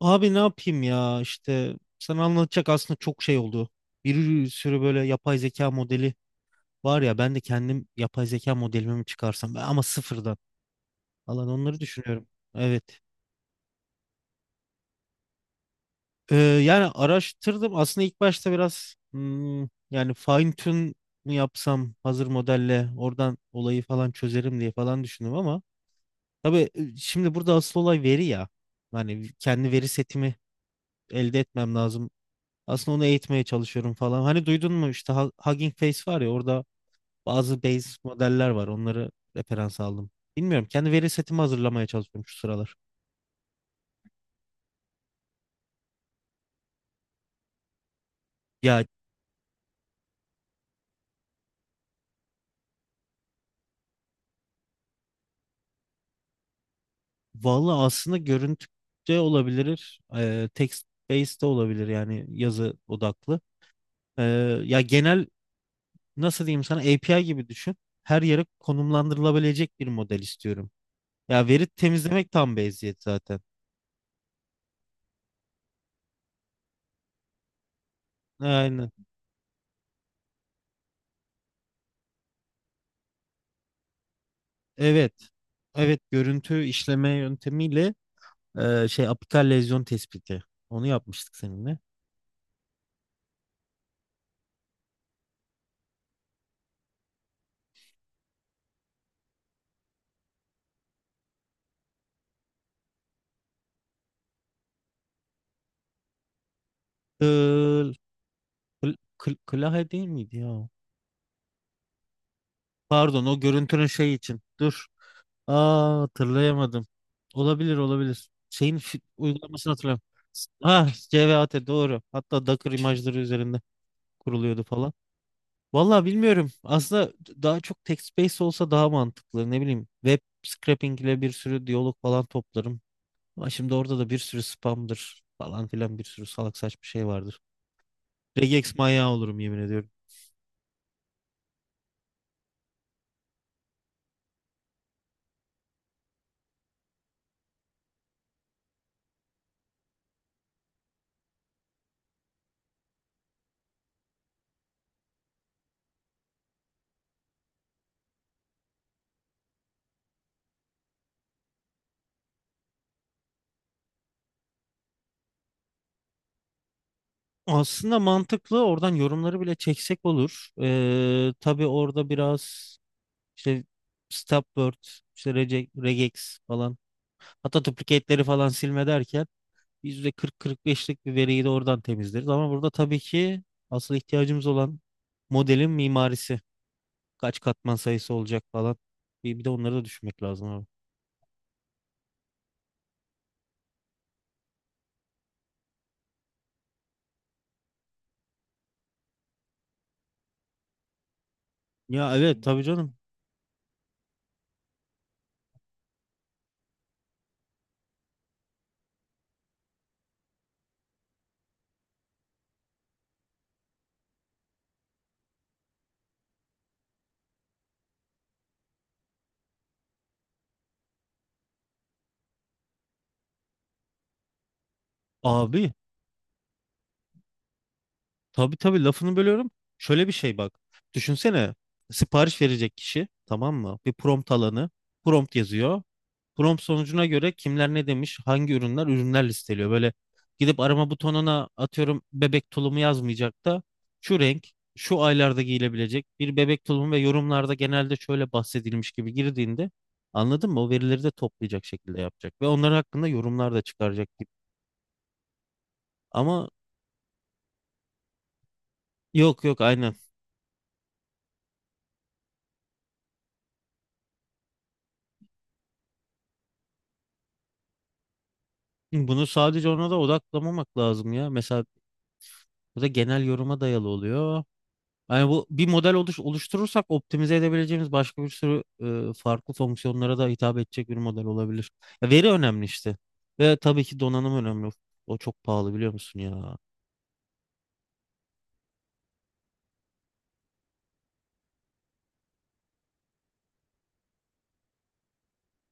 Abi ne yapayım ya işte sana anlatacak aslında çok şey oldu. Bir sürü böyle yapay zeka modeli var ya, ben de kendim yapay zeka modelimi mi çıkarsam ama sıfırdan. Alan onları düşünüyorum. Evet. Yani araştırdım aslında. İlk başta biraz yani fine tune mu yapsam, hazır modelle oradan olayı falan çözerim diye falan düşündüm. Ama tabii şimdi burada asıl olay veri ya. Hani kendi veri setimi elde etmem lazım. Aslında onu eğitmeye çalışıyorum falan. Hani duydun mu işte Hugging Face var ya, orada bazı base modeller var. Onları referans aldım. Bilmiyorum. Kendi veri setimi hazırlamaya çalışıyorum şu sıralar. Ya vallahi aslında görüntü de olabilir. E, text based de olabilir, yani yazı odaklı. E, Ya genel, nasıl diyeyim sana, API gibi düşün. Her yere konumlandırılabilecek bir model istiyorum. Ya veri temizlemek tam bir eziyet zaten. Aynen. Evet. Evet, görüntü işleme yöntemiyle şey, apikal lezyon tespiti. Onu yapmıştık seninle. Kıl, kılahe değil miydi ya, o? Pardon, o görüntünün şey için. Dur. Aa, hatırlayamadım. Olabilir, olabilir. Uygulamasını hatırlıyorum. Ha, CVAT, doğru. Hatta Docker imajları üzerinde kuruluyordu falan. Vallahi bilmiyorum. Aslında daha çok text based olsa daha mantıklı. Ne bileyim, web scraping ile bir sürü diyalog falan toplarım. Ama şimdi orada da bir sürü spamdır falan filan, bir sürü salak saçma şey vardır. Regex manyağı olurum, yemin ediyorum. Aslında mantıklı. Oradan yorumları bile çeksek olur. Tabii orada biraz işte Stopword, işte Regex falan. Hatta duplikatleri falan silme derken %40-45'lik bir veriyi de oradan temizleriz. Ama burada tabii ki asıl ihtiyacımız olan modelin mimarisi. Kaç katman sayısı olacak falan. Bir de onları da düşünmek lazım abi. Ya evet, tabii canım. Abi, tabii tabii, lafını bölüyorum. Şöyle bir şey bak. Düşünsene, sipariş verecek kişi, tamam mı? Bir prompt alanı. Prompt yazıyor. Prompt sonucuna göre kimler ne demiş, hangi ürünler listeliyor. Böyle gidip arama butonuna, atıyorum, bebek tulumu yazmayacak da şu renk, şu aylarda giyilebilecek bir bebek tulumu ve yorumlarda genelde şöyle bahsedilmiş gibi girdiğinde, anladın mı? O verileri de toplayacak şekilde yapacak ve onlar hakkında yorumlar da çıkaracak gibi. Ama yok, aynen. Bunu sadece ona da odaklamamak lazım ya. Mesela bu da genel yoruma dayalı oluyor. Yani bu bir model oluşturursak optimize edebileceğimiz başka bir sürü farklı fonksiyonlara da hitap edecek bir model olabilir. Ya veri önemli işte. Ve tabii ki donanım önemli. O çok pahalı, biliyor musun ya?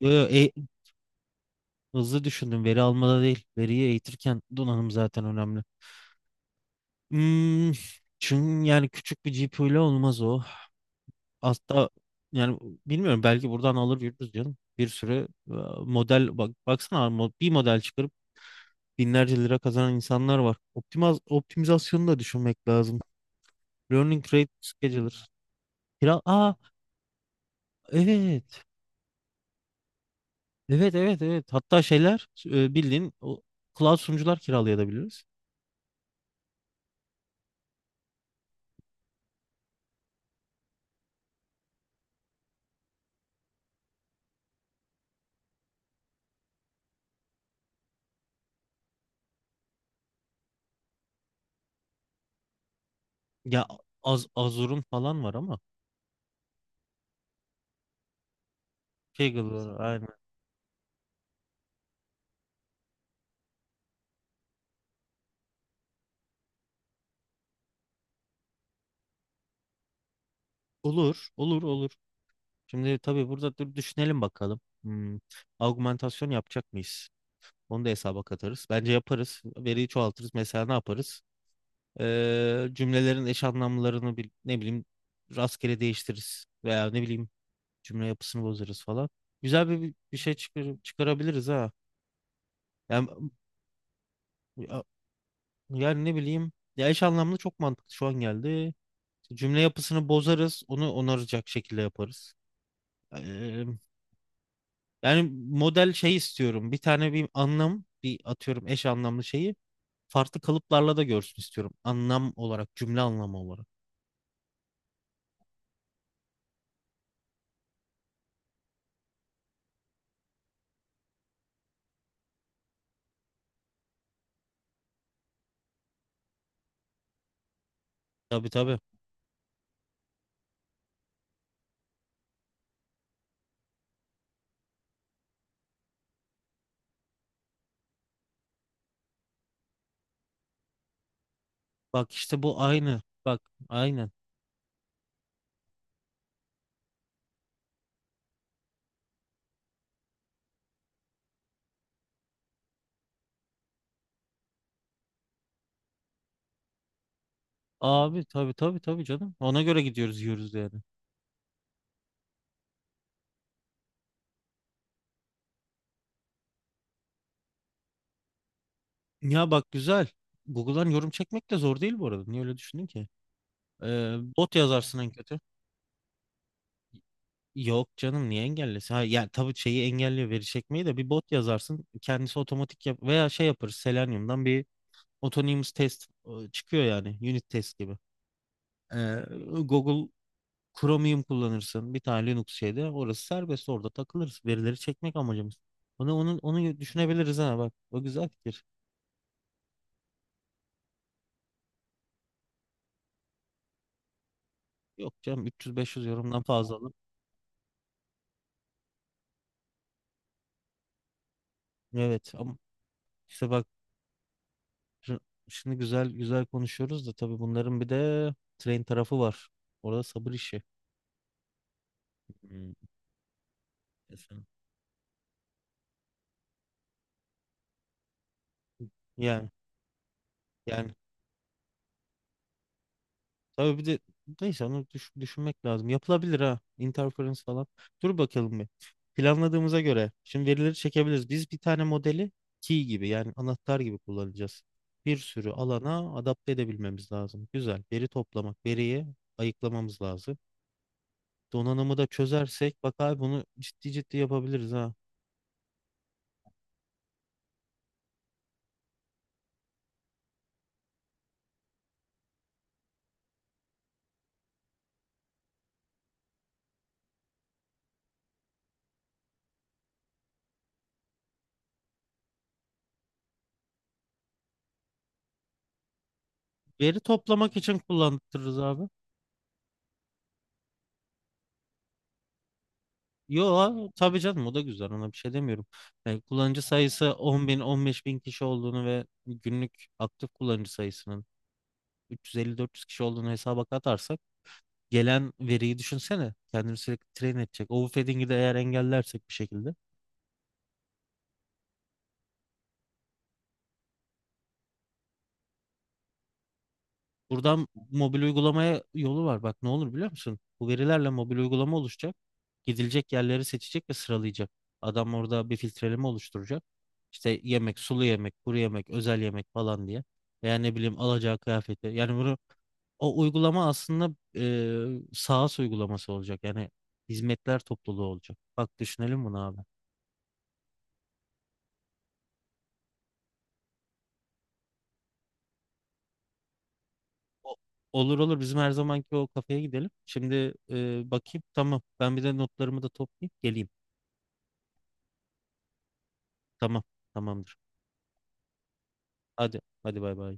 Yo, yo, e, Hızlı düşündüm. Veri almada değil. Veriyi eğitirken donanım zaten önemli. Hmm, Çünkü yani küçük bir GPU ile olmaz o. Hatta yani bilmiyorum, belki buradan alır yürürüz canım. Bir sürü e, model, bak baksana abi, bir model çıkarıp binlerce lira kazanan insanlar var. Optimizasyonu da düşünmek lazım. Learning rate scheduler. Kira, aa, evet evet. evet Hatta şeyler, bildiğin o cloud sunucular kiralayabiliriz. Ya Azur'un falan var ama Kaggle var aynen. Olur. Şimdi tabii burada dur, düşünelim bakalım. Augmentasyon yapacak mıyız? Onu da hesaba katarız. Bence yaparız. Veriyi çoğaltırız. Mesela ne yaparız? Cümlelerin eş ne bileyim, rastgele değiştiririz. Veya ne bileyim, cümle yapısını bozarız falan. Güzel bir şey çıkarabiliriz ha. Yani, ya- Yani ne bileyim. Ya eş anlamlı çok mantıklı şu an geldi. Cümle yapısını bozarız. Onu onaracak şekilde yaparız. Ee, Yani model şey istiyorum. Bir tane bir anlam, bir atıyorum eş anlamlı şeyi. Farklı kalıplarla da görsün istiyorum. Anlam olarak, cümle anlamı olarak. Tabii, tabii. Bak işte bu aynı. Bak, aynen. Abi tabii tabii tabii canım. Ona göre gidiyoruz, yiyoruz yani. Ya bak, güzel. Google'dan yorum çekmek de zor değil bu arada. Niye öyle düşündün ki? Bot yazarsın en kötü. Yok canım, niye engellesin? Ha, yani tabii şeyi engelliyor, veri çekmeyi de bir bot yazarsın. Kendisi otomatik yap veya şey yapar, Selenium'dan bir autonomous test çıkıyor yani, unit test gibi. Ee, Google Chromium kullanırsın. Bir tane Linux şeyde. Orası serbest. Orada takılırız. Verileri çekmek amacımız. Onu düşünebiliriz ha bak. O güzel fikir. Yok canım, 300-500 yorumdan fazla alın. Evet ama işte bak, şu- şimdi güzel güzel konuşuyoruz da tabii bunların bir de train tarafı var. Orada sabır işi. Hmm, Kesin. Yani yani Tabii bir de neyse onu düşünmek lazım. Yapılabilir ha. Interference falan. Dur bakalım bir. Planladığımıza göre şimdi verileri çekebiliriz. Biz bir tane modeli key gibi, yani anahtar gibi kullanacağız. Bir sürü alana adapte edebilmemiz lazım. Güzel. Veri toplamak, veriyi ayıklamamız lazım. Donanımı da çözersek bak abi, bunu ciddi ciddi yapabiliriz ha. Veri toplamak için kullandırırız abi. Yo tabii canım, o da güzel, ona bir şey demiyorum. Yani kullanıcı sayısı 10 bin 15 bin kişi olduğunu ve günlük aktif kullanıcı sayısının 350-400 kişi olduğunu hesaba katarsak gelen veriyi düşünsene. Kendini sürekli train edecek. Overfitting'i de eğer engellersek bir şekilde. Buradan mobil uygulamaya yolu var. Bak ne olur biliyor musun? Bu verilerle mobil uygulama oluşacak. Gidilecek yerleri seçecek ve sıralayacak. Adam orada bir filtreleme oluşturacak. İşte yemek, sulu yemek, kuru yemek, özel yemek falan diye. Veya ne bileyim, alacağı kıyafeti. Yani bunu, o uygulama aslında SaaS uygulaması olacak. Yani hizmetler topluluğu olacak. Bak düşünelim bunu abi. O- Olur olur, bizim her zamanki o kafeye gidelim. Şimdi bakayım, tamam, ben bir de notlarımı da toplayayım geleyim. Tamam. Tamamdır. Hadi. Hadi bay bay.